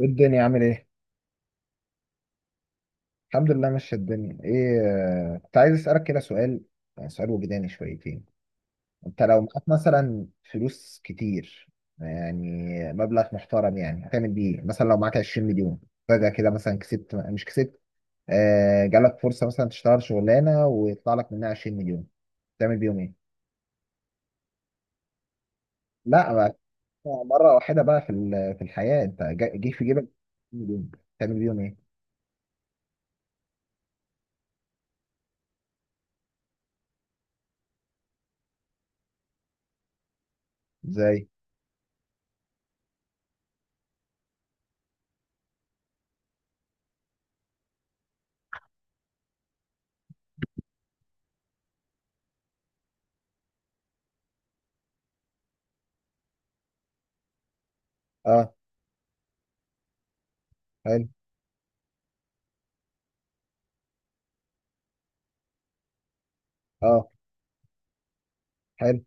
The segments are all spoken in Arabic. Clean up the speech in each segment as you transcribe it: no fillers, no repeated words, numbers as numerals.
إيه الدنيا عامل ايه؟ الحمد لله ماشية الدنيا ايه. كنت عايز اسألك كده سؤال، يعني سؤال وجداني شويتين. انت لو معاك مثلا فلوس كتير، يعني مبلغ محترم، يعني هتعمل بيه إيه؟ مثلا لو معاك 20 مليون، فجأة كده مثلا كسبت مش كسبت، آه جالك فرصة مثلا تشتغل شغلانة ويطلع لك منها 20 مليون، تعمل بيهم ايه؟ لا بقى، مرة واحدة بقى في الحياة انت جه في جيبك 20 مليون، تعمل بيهم ايه؟ ازاي؟ اه، حلو. اه، حلو.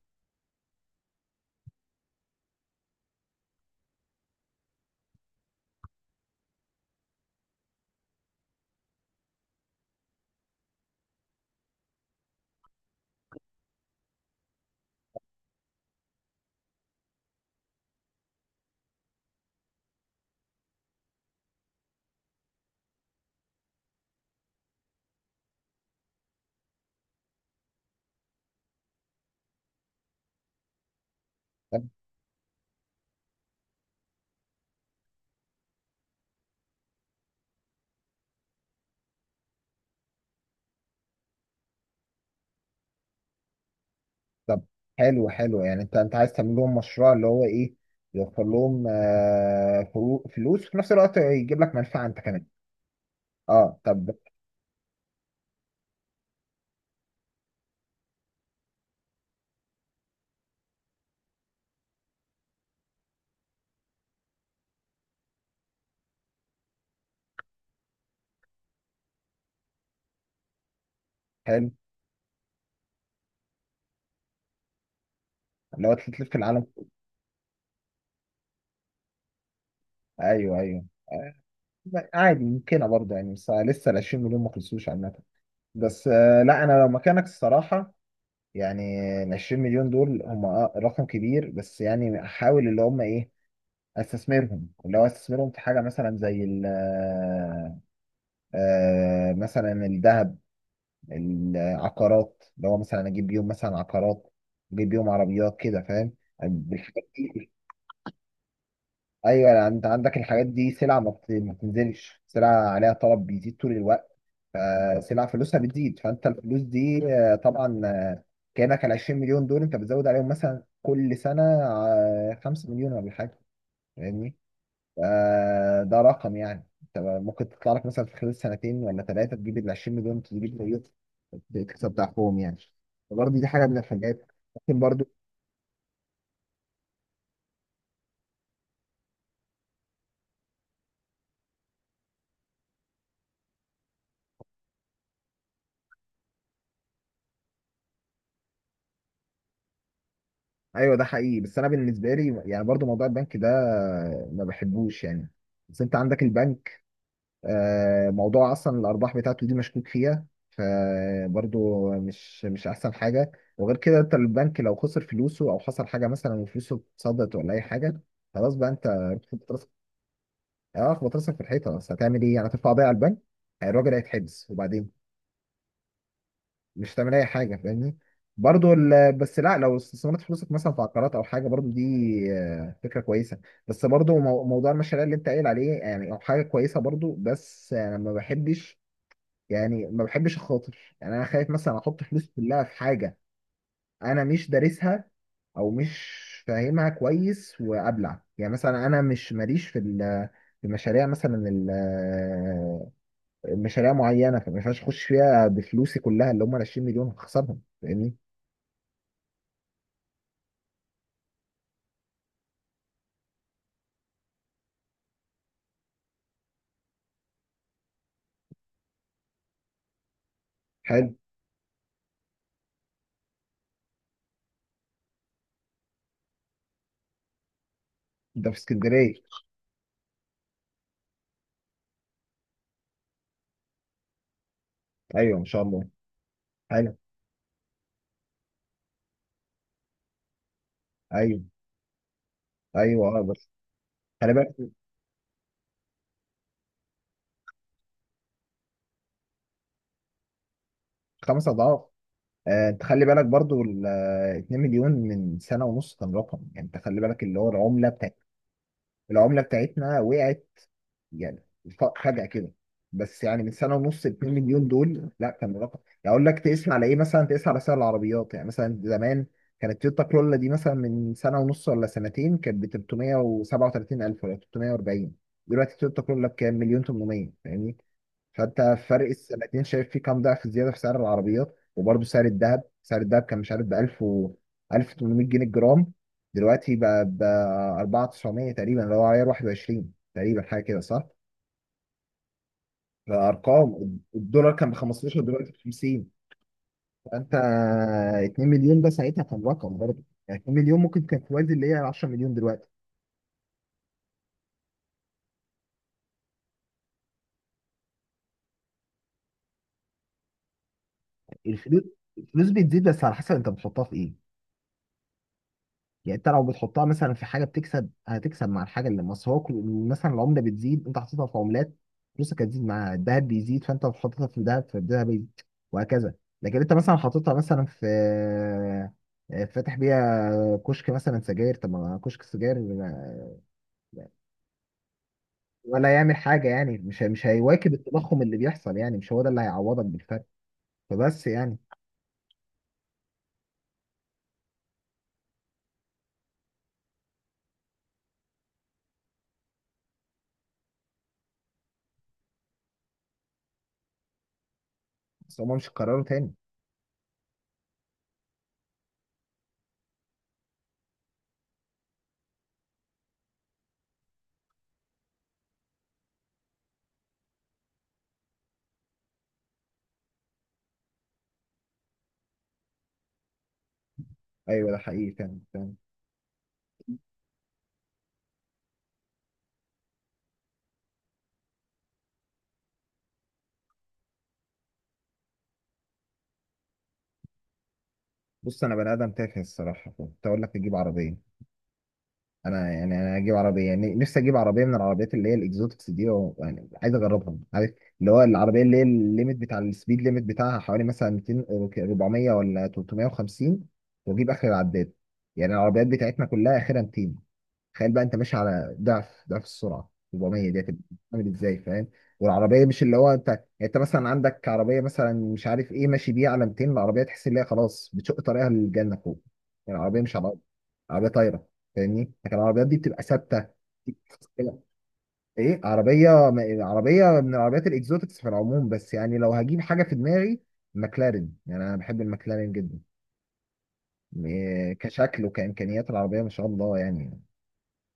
طب، حلو حلو، يعني انت عايز تعمل لهم مشروع، اللي هو ايه يوفر لهم فلوس، وفي نفس الوقت يجيب لك منفعه انت كمان. اه، طب. حلو. لو انت تلف في العالم. ايوه ايوه، عادي ممكنه برضه، يعني بس لسه ال 20 مليون ما خلصوش عامه. بس لا، انا لو مكانك الصراحه، يعني ال 20 مليون دول هم رقم كبير، بس يعني احاول اللي هم ايه استثمرهم، اللي هو استثمرهم في حاجه مثلا زي ال آه، مثلا الذهب، العقارات، اللي هو مثلا اجيب بيهم مثلا عقارات، اجيب بيهم عربيات كده، فاهم، بالحاجات دي. ايوه، يعني انت عندك الحاجات دي سلعه ما بتنزلش، سلعه عليها طلب بيزيد طول الوقت، فسلعه فلوسها بتزيد. فانت الفلوس دي طبعا كانك ال 20 مليون دول انت بتزود عليهم مثلا كل سنه 5 مليون ولا حاجه، فاهمني. ده رقم يعني انت ممكن تطلع لك مثلا في خلال سنتين ولا ثلاثه، تجيب ال 20 مليون، تجيب زيهم، تكسب ضعفهم يعني. فبرضه دي حاجه من الحاجات ممكن برضه. ايوه ده حقيقي، بس انا بالنسبه لي يعني برضه موضوع البنك ده ما بحبوش يعني. بس انت عندك البنك موضوع اصلا الارباح بتاعته دي مشكوك فيها، فبرضه مش احسن حاجه. وغير كده انت البنك لو خسر فلوسه، او حصل حاجه مثلا وفلوسه اتصدت ولا اي حاجه، خلاص بقى انت بتحط. اه، خبط راسك في الحيطه، بس هتعمل ايه؟ يعني هترفع بيها على البنك، الراجل هيتحبس، وبعدين مش هتعمل اي حاجه، فاهمني. بس لا، لو استثمرت فلوسك مثلا في عقارات او حاجه، برضو دي فكره كويسه. بس برضو موضوع المشاريع اللي انت قايل عليه يعني او حاجه كويسه برضو، بس انا ما بحبش يعني، ما بحبش اخاطر، يعني انا خايف مثلا احط فلوسي كلها في حاجه انا مش دارسها، او مش فاهمها كويس وابلع، يعني مثلا انا مش ماليش في في مشاريع مثلا، مشاريع معينه، فما ينفعش اخش فيها بفلوسي كلها اللي هم ال 20 مليون، هخسرهم، فاهمني. حلو. ده في اسكندريه. ايوه ما شاء الله. حلو. ايوه ايوه، اه، بس. خلي بالك. خمس اضعاف. آه، انت خلي بالك برضو ال آه، 2 مليون من سنه ونص كان رقم، يعني انت خلي بالك اللي هو العمله، العملة بتاعتنا وقعت يعني. فجأة كده. بس يعني من سنة ونص، 2 مليون دول لا كان رقم، يعني اقول لك تقيس على ايه؟ مثلا تقيس على سعر العربيات، يعني مثلا زمان كانت تويوتا كرولا دي مثلا من سنة ونص ولا سنتين كانت ب 337 ألف ولا 340. دلوقتي تويوتا كرولا بكام؟ مليون 800، فاهمني. فانت فرق السنتين شايف فيه كام ضعف زياده في سعر العربيات؟ وبرضه سعر الذهب، سعر الذهب كان مش عارف ب 1000 و 1800 جنيه الجرام، دلوقتي بقى ب 4900 تقريبا، اللي هو عيار 21 تقريبا، حاجه كده صح؟ فارقام الدولار كان ب 15، دلوقتي ب 50. فانت 2 مليون ده ساعتها كان رقم، برضه يعني 2 مليون ممكن كان توازي اللي هي 10 مليون دلوقتي. الفلوس، الفلوس بتزيد بس على حسب انت بتحطها في ايه. يعني انت لو بتحطها مثلا في حاجه بتكسب، هتكسب مع الحاجه، اللي مصر هو مثلا العمله بتزيد، انت حطيتها في عملات فلوسك هتزيد، مع الذهب بيزيد، فانت لو حطيتها في الذهب فالذهب يزيد، وهكذا. لكن انت مثلا حاططها مثلا في فاتح بيها كشك مثلا سجاير، طب ما كشك السجاير ولا يعمل حاجه، يعني مش هيواكب التضخم اللي بيحصل، يعني مش هو ده اللي هيعوضك بالفرق. فبس يعني. بس هما مش قرروا تاني. ايوه ده حقيقي فعلا فعلا. بص، انا بني ادم تافه الصراحه، كنت اقول لك تجيب عربيه، انا اجيب عربيه، يعني نفسي اجيب عربيه من العربيات اللي هي الاكزوتكس دي يعني عايز اجربها، عارف، اللي هو العربيه اللي هي الليميت بتاع السبيد ليميت بتاعها حوالي مثلا 200، 400 ولا 350، واجيب اخر العداد. يعني العربيات بتاعتنا كلها اخرها 200. تخيل بقى انت ماشي على ضعف ضعف السرعه، 400 دي هتبقى عامل ازاي، فاهم؟ والعربيه مش اللي هو انت، يعني انت مثلا عندك عربيه مثلا مش عارف ايه، ماشي بيها على 200، العربيه تحس ان هي خلاص بتشق طريقها للجنه فوق. يعني العربيه مش على الارض، عربيه طايره، فاهمني. لكن العربيات دي بتبقى ثابته كده. ايه؟ عربيه عربيه من العربيات الاكزوتكس في العموم، بس يعني لو هجيب حاجه في دماغي ماكلارين، يعني انا بحب الماكلارين جدا. إيه، كشكل وكامكانيات العربيه ما شاء الله يعني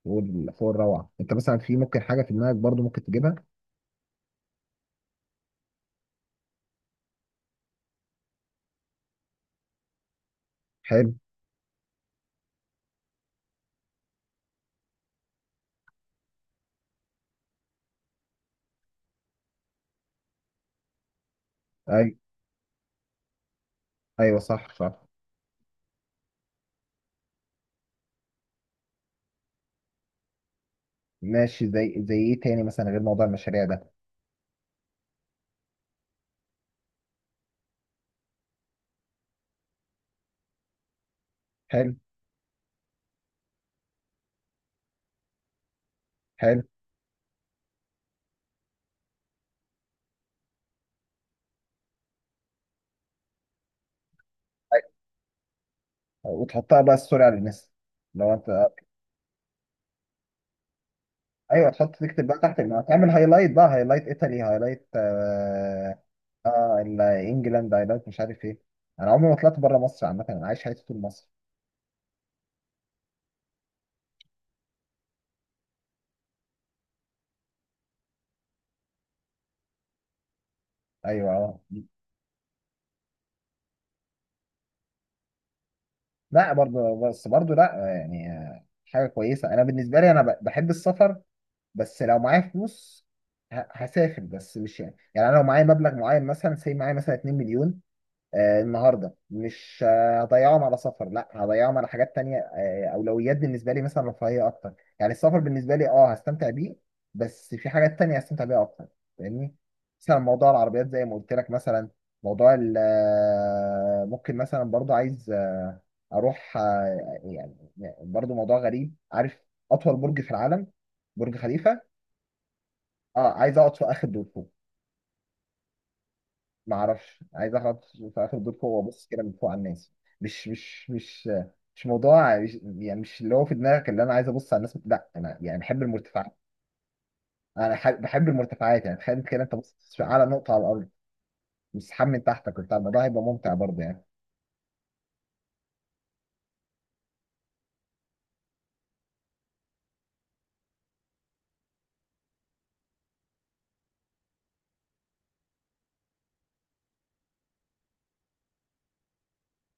فوق الروعه. انت مثلا في ممكن حاجه في دماغك برضو ممكن تجيبها. حلو. اي. ايوه صح صح. ماشي. زي ايه تاني مثلا غير موضوع المشاريع ده. حلو. حلو. وتحطها بقى ستوري على الناس؟ لو انت. ايوه، تحط تكتب بقى تحت، ما تعمل هايلايت بقى، هايلايت ايطالي، هايلايت، انجلاند هايلايت مش عارف ايه. انا عمري ما طلعت بره مصر، عامه انا عايش حياتي طول مصر. ايوه اه. لا برضه، بس برضه لا، يعني حاجه كويسه. انا بالنسبه لي، انا بحب السفر، بس لو معايا فلوس هسافر، بس مش يعني انا لو معايا مبلغ معين مثلا سي معايا مثلا 2 مليون، النهارده مش هضيعهم على سفر، لا هضيعهم على حاجات تانية. اولويات بالنسبه لي مثلا رفاهيه اكتر يعني، السفر بالنسبه لي اه هستمتع بيه، بس في حاجات تانية هستمتع بيها اكتر، فاهمني. مثلا موضوع العربيات زي ما قلت لك مثلا، موضوع ممكن مثلا برضو عايز اروح يعني برضو موضوع غريب، عارف، اطول برج في العالم، برج خليفة. اه، عايز اقعد في اخر دور فوق. ما اعرفش، عايز اقعد في اخر دور فوق وابص كده من فوق على الناس. مش مش موضوع، يعني مش اللي هو في دماغك اللي انا عايز ابص على الناس، لا انا يعني بحب المرتفعات. انا بحب المرتفعات، يعني تخيل كده انت بص على نقطه على الارض مسحاب من تحتك وبتاع، الموضوع هيبقى ممتع برضه يعني.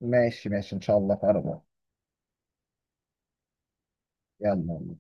ماشي ماشي ان شاء الله في اقرب وقت. يلا.